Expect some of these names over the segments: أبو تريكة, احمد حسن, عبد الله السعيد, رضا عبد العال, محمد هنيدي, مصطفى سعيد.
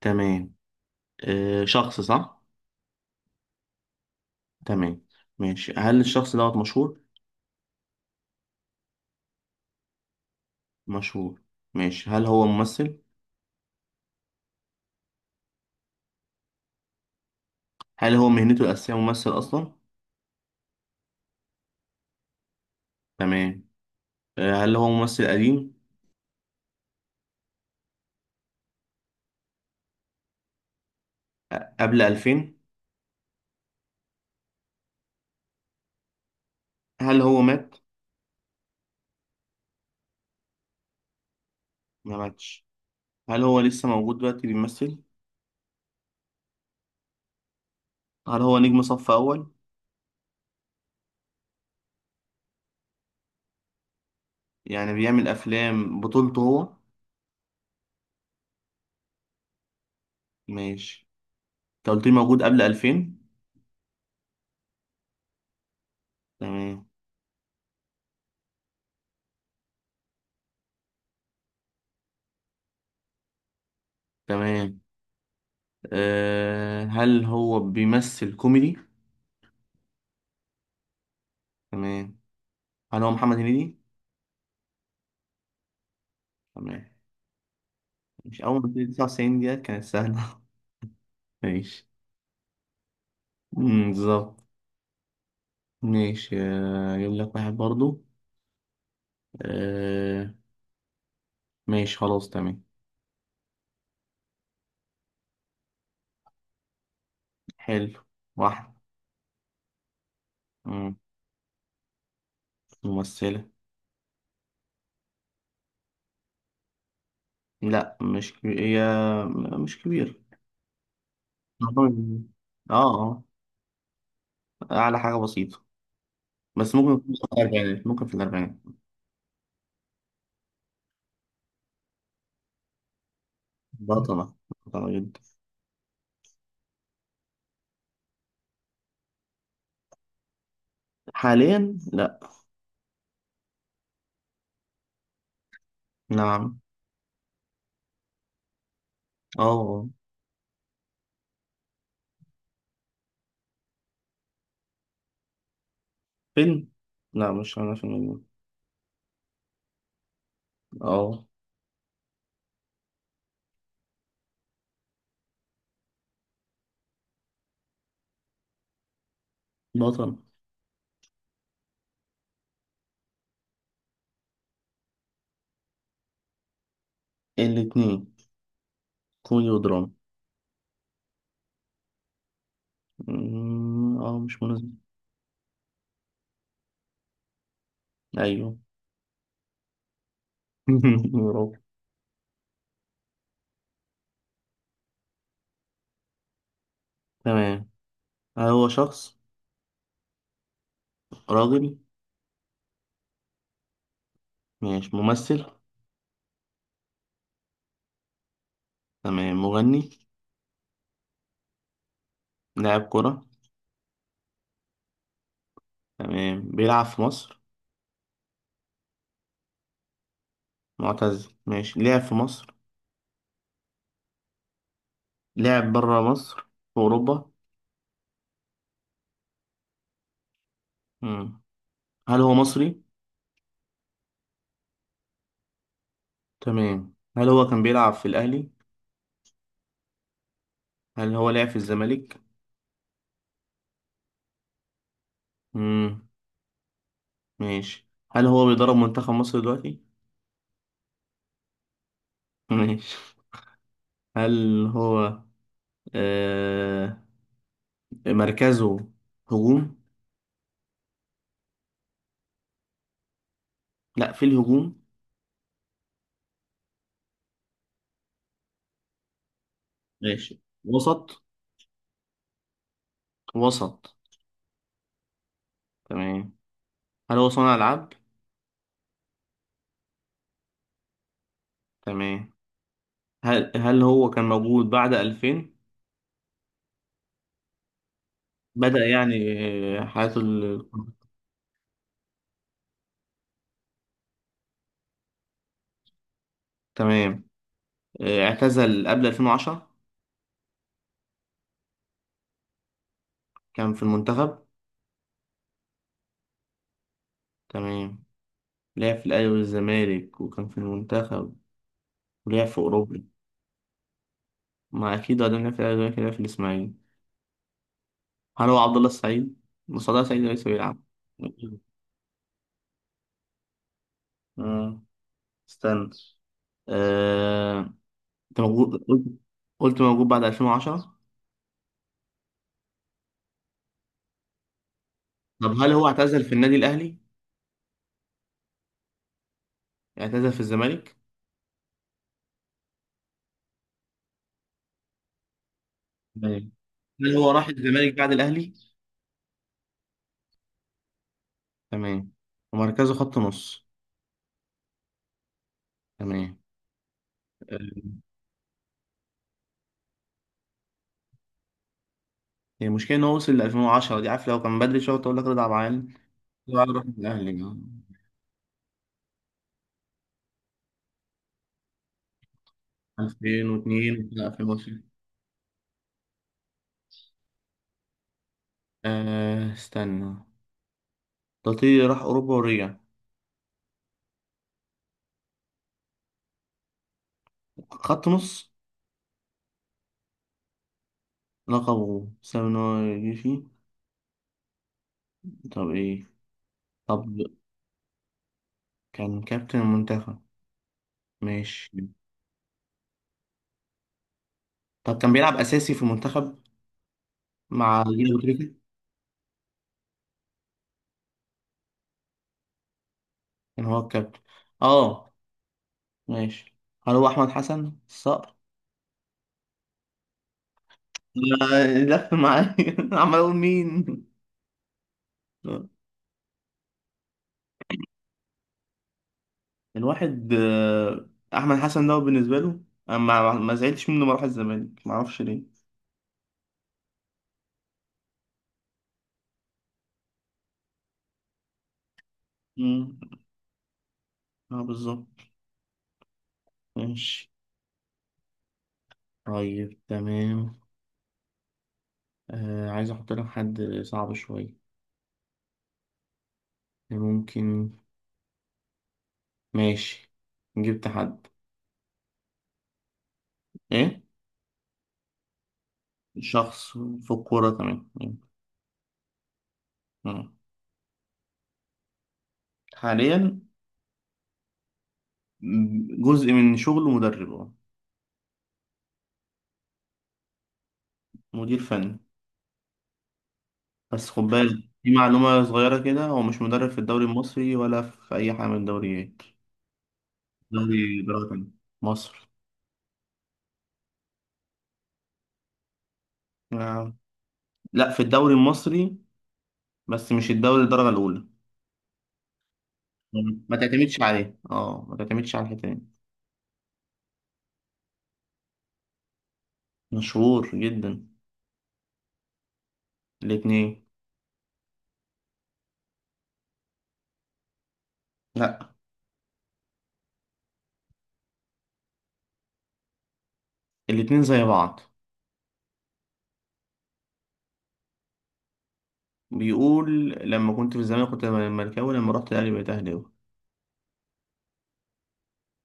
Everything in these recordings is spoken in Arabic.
تمام. آه، شخص صح. تمام. ماشي. هل الشخص دوت مشهور؟ مشهور. ماشي. هل هو ممثل؟ هل هو مهنته الأساسية ممثل أصلا؟ تمام. آه، هل هو ممثل قديم؟ قبل 2000؟ هل هو مات؟ ما ماتش؟ هل هو لسه موجود دلوقتي بيمثل؟ هل هو نجم صف أول؟ يعني بيعمل أفلام بطولته هو؟ ماشي. أنت قلت لي موجود قبل 2000. تمام. تمام. آه، هل هو بيمثل كوميدي؟ تمام. هل هو محمد هنيدي؟ تمام. مش أول ما تيجي 99 ديت كانت سهلة. ماشي. بالظبط. ماشي. آه، أجيب لك واحد برضو. آه، ماشي خلاص تمام. حلو. واحد. أمم. ممثلة. لا مش كبير هي. مش كبير. اه اه. أعلى حاجة بسيطة. بس ممكن في الأربعينات، ممكن في الأربعينات. بطلة. بطلة جدا. حاليا لا. نعم. اه آه. فيلم. لا مش عاملة فيلم. اه. بطل. الاتنين. كوميدي ودراما. اه مش مناسب. ايوه. برافو. تمام. هو شخص. راجل. ماشي ممثل. تمام مغني. لاعب كرة. تمام بيلعب في مصر. معتزل ماشي لعب في مصر. لعب برا مصر. في أوروبا. مم. هل هو مصري؟ تمام. هل هو كان بيلعب في الأهلي؟ هل هو لعب في الزمالك؟ مم. ماشي. هل هو بيدرب منتخب مصر دلوقتي؟ ماشي. هل هو آه مركزه هجوم؟ لا في الهجوم. ماشي وسط. وسط. تمام. هل هو صانع ألعاب؟ تمام. هل هو كان موجود بعد 2000؟ بدأ يعني. آه، حياته ال... تمام. آه، اعتزل قبل 2010؟ كان في المنتخب. تمام. لعب في الأهلي والزمالك وكان في المنتخب ولعب في أوروبا. ما أكيد قدم لعب في الأهلي والزمالك لعب في الإسماعيلي. هل هو عبد الله السعيد؟ مصطفى سعيد لسه بيلعب. آه، استنى. انت موجود قلت موجود بعد 2010. طب هل هو اعتزل في النادي الاهلي؟ اعتزل في الزمالك. تمام. هل هو راح الزمالك بعد الاهلي؟ تمام. ومركزه خط نص. تمام. آه، هي المشكله ان هو وصل ل 2010 دي عارف لو كان بدري شويه تقول لك رضا عبد العال. رضا عبد العال راح الاهلي. 2002 لا 2020. آه استنى. تطير راح اوروبا ورجع. خط نص. لقبه بسبب ان هو يجي فيه. طب ايه. طب كان كابتن المنتخب. ماشي. طب كان بيلعب اساسي في المنتخب مع جيل ابو تريكه. كان هو الكابتن. اه. ماشي. هل هو احمد حسن الصقر؟ لا، لف معايا. عمال اقول مين. الواحد آه، احمد حسن ده بالنسبه له أنا ما زعلتش منه ما راح الزمالك ما اعرفش ليه. امم اه بالظبط. ماشي. طيب تمام. آه عايز احط لك حد صعب شويه. ممكن. ماشي جبت حد. ايه. شخص في الكوره. تمام. مم. حاليا. جزء من شغله مدرب اه. مدير فني. بس خد بالك دي معلومة صغيرة كده هو مش مدرب في الدوري المصري ولا في أي حاجة من الدوريات. دوري درجة تانية. مصر. آه. لا في الدوري المصري بس مش الدوري الدرجة الأولى. ما تعتمدش عليه اه ما تعتمدش على الحتة دي. مشهور جدا. الاتنين. لا. الاتنين زي بعض. بيقول لما كنت في الزمالك كنت مركاوي لما رحت الأهلي بقيت أهلاوي.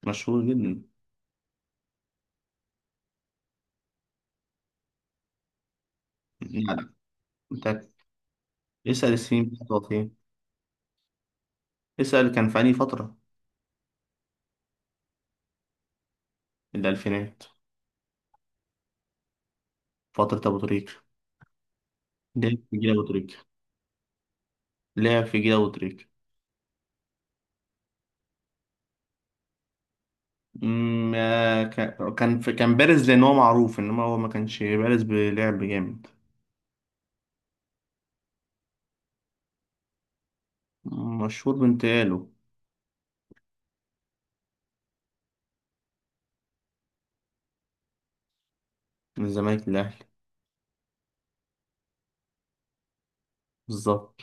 مشهور جدا. لا لا. انت اسأل السنين بتاعته فين. اسأل كان في أي فترة. الألفينات. فترة أبو تريكة. لعب في جيل أبو تريكة. لعب في جيل أبو تريكة. أمم، آه، كان كان بارز لأن هو معروف إنما هو ما كانش بارز بلعب جامد. مشهور بانتقاله. من الزمالك للأهلي. بالظبط.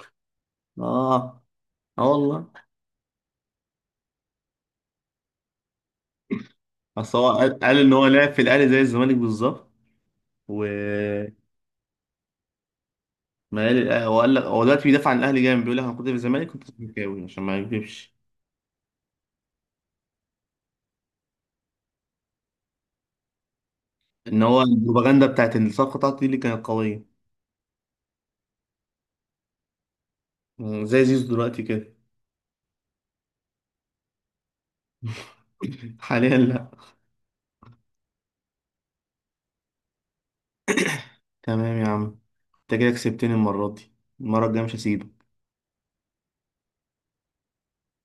آه. آه والله. أصل هو قال إن هو لعب في الأهلي زي الزمالك بالظبط. و ما قال هو قال لك هو دلوقتي بيدافع عن الأهلي جامد بيقول لك أنا كنت في الزمالك كنت زملكاوي عشان ما يكذبش. ان هو البروباغندا بتاعت إن الصفقه بتاعته دي اللي كانت قويه. زي زيزو دلوقتي كده. حاليا لا. تمام يا عم. انت كده كسبتني المره دي. المره الجايه مش هسيبك.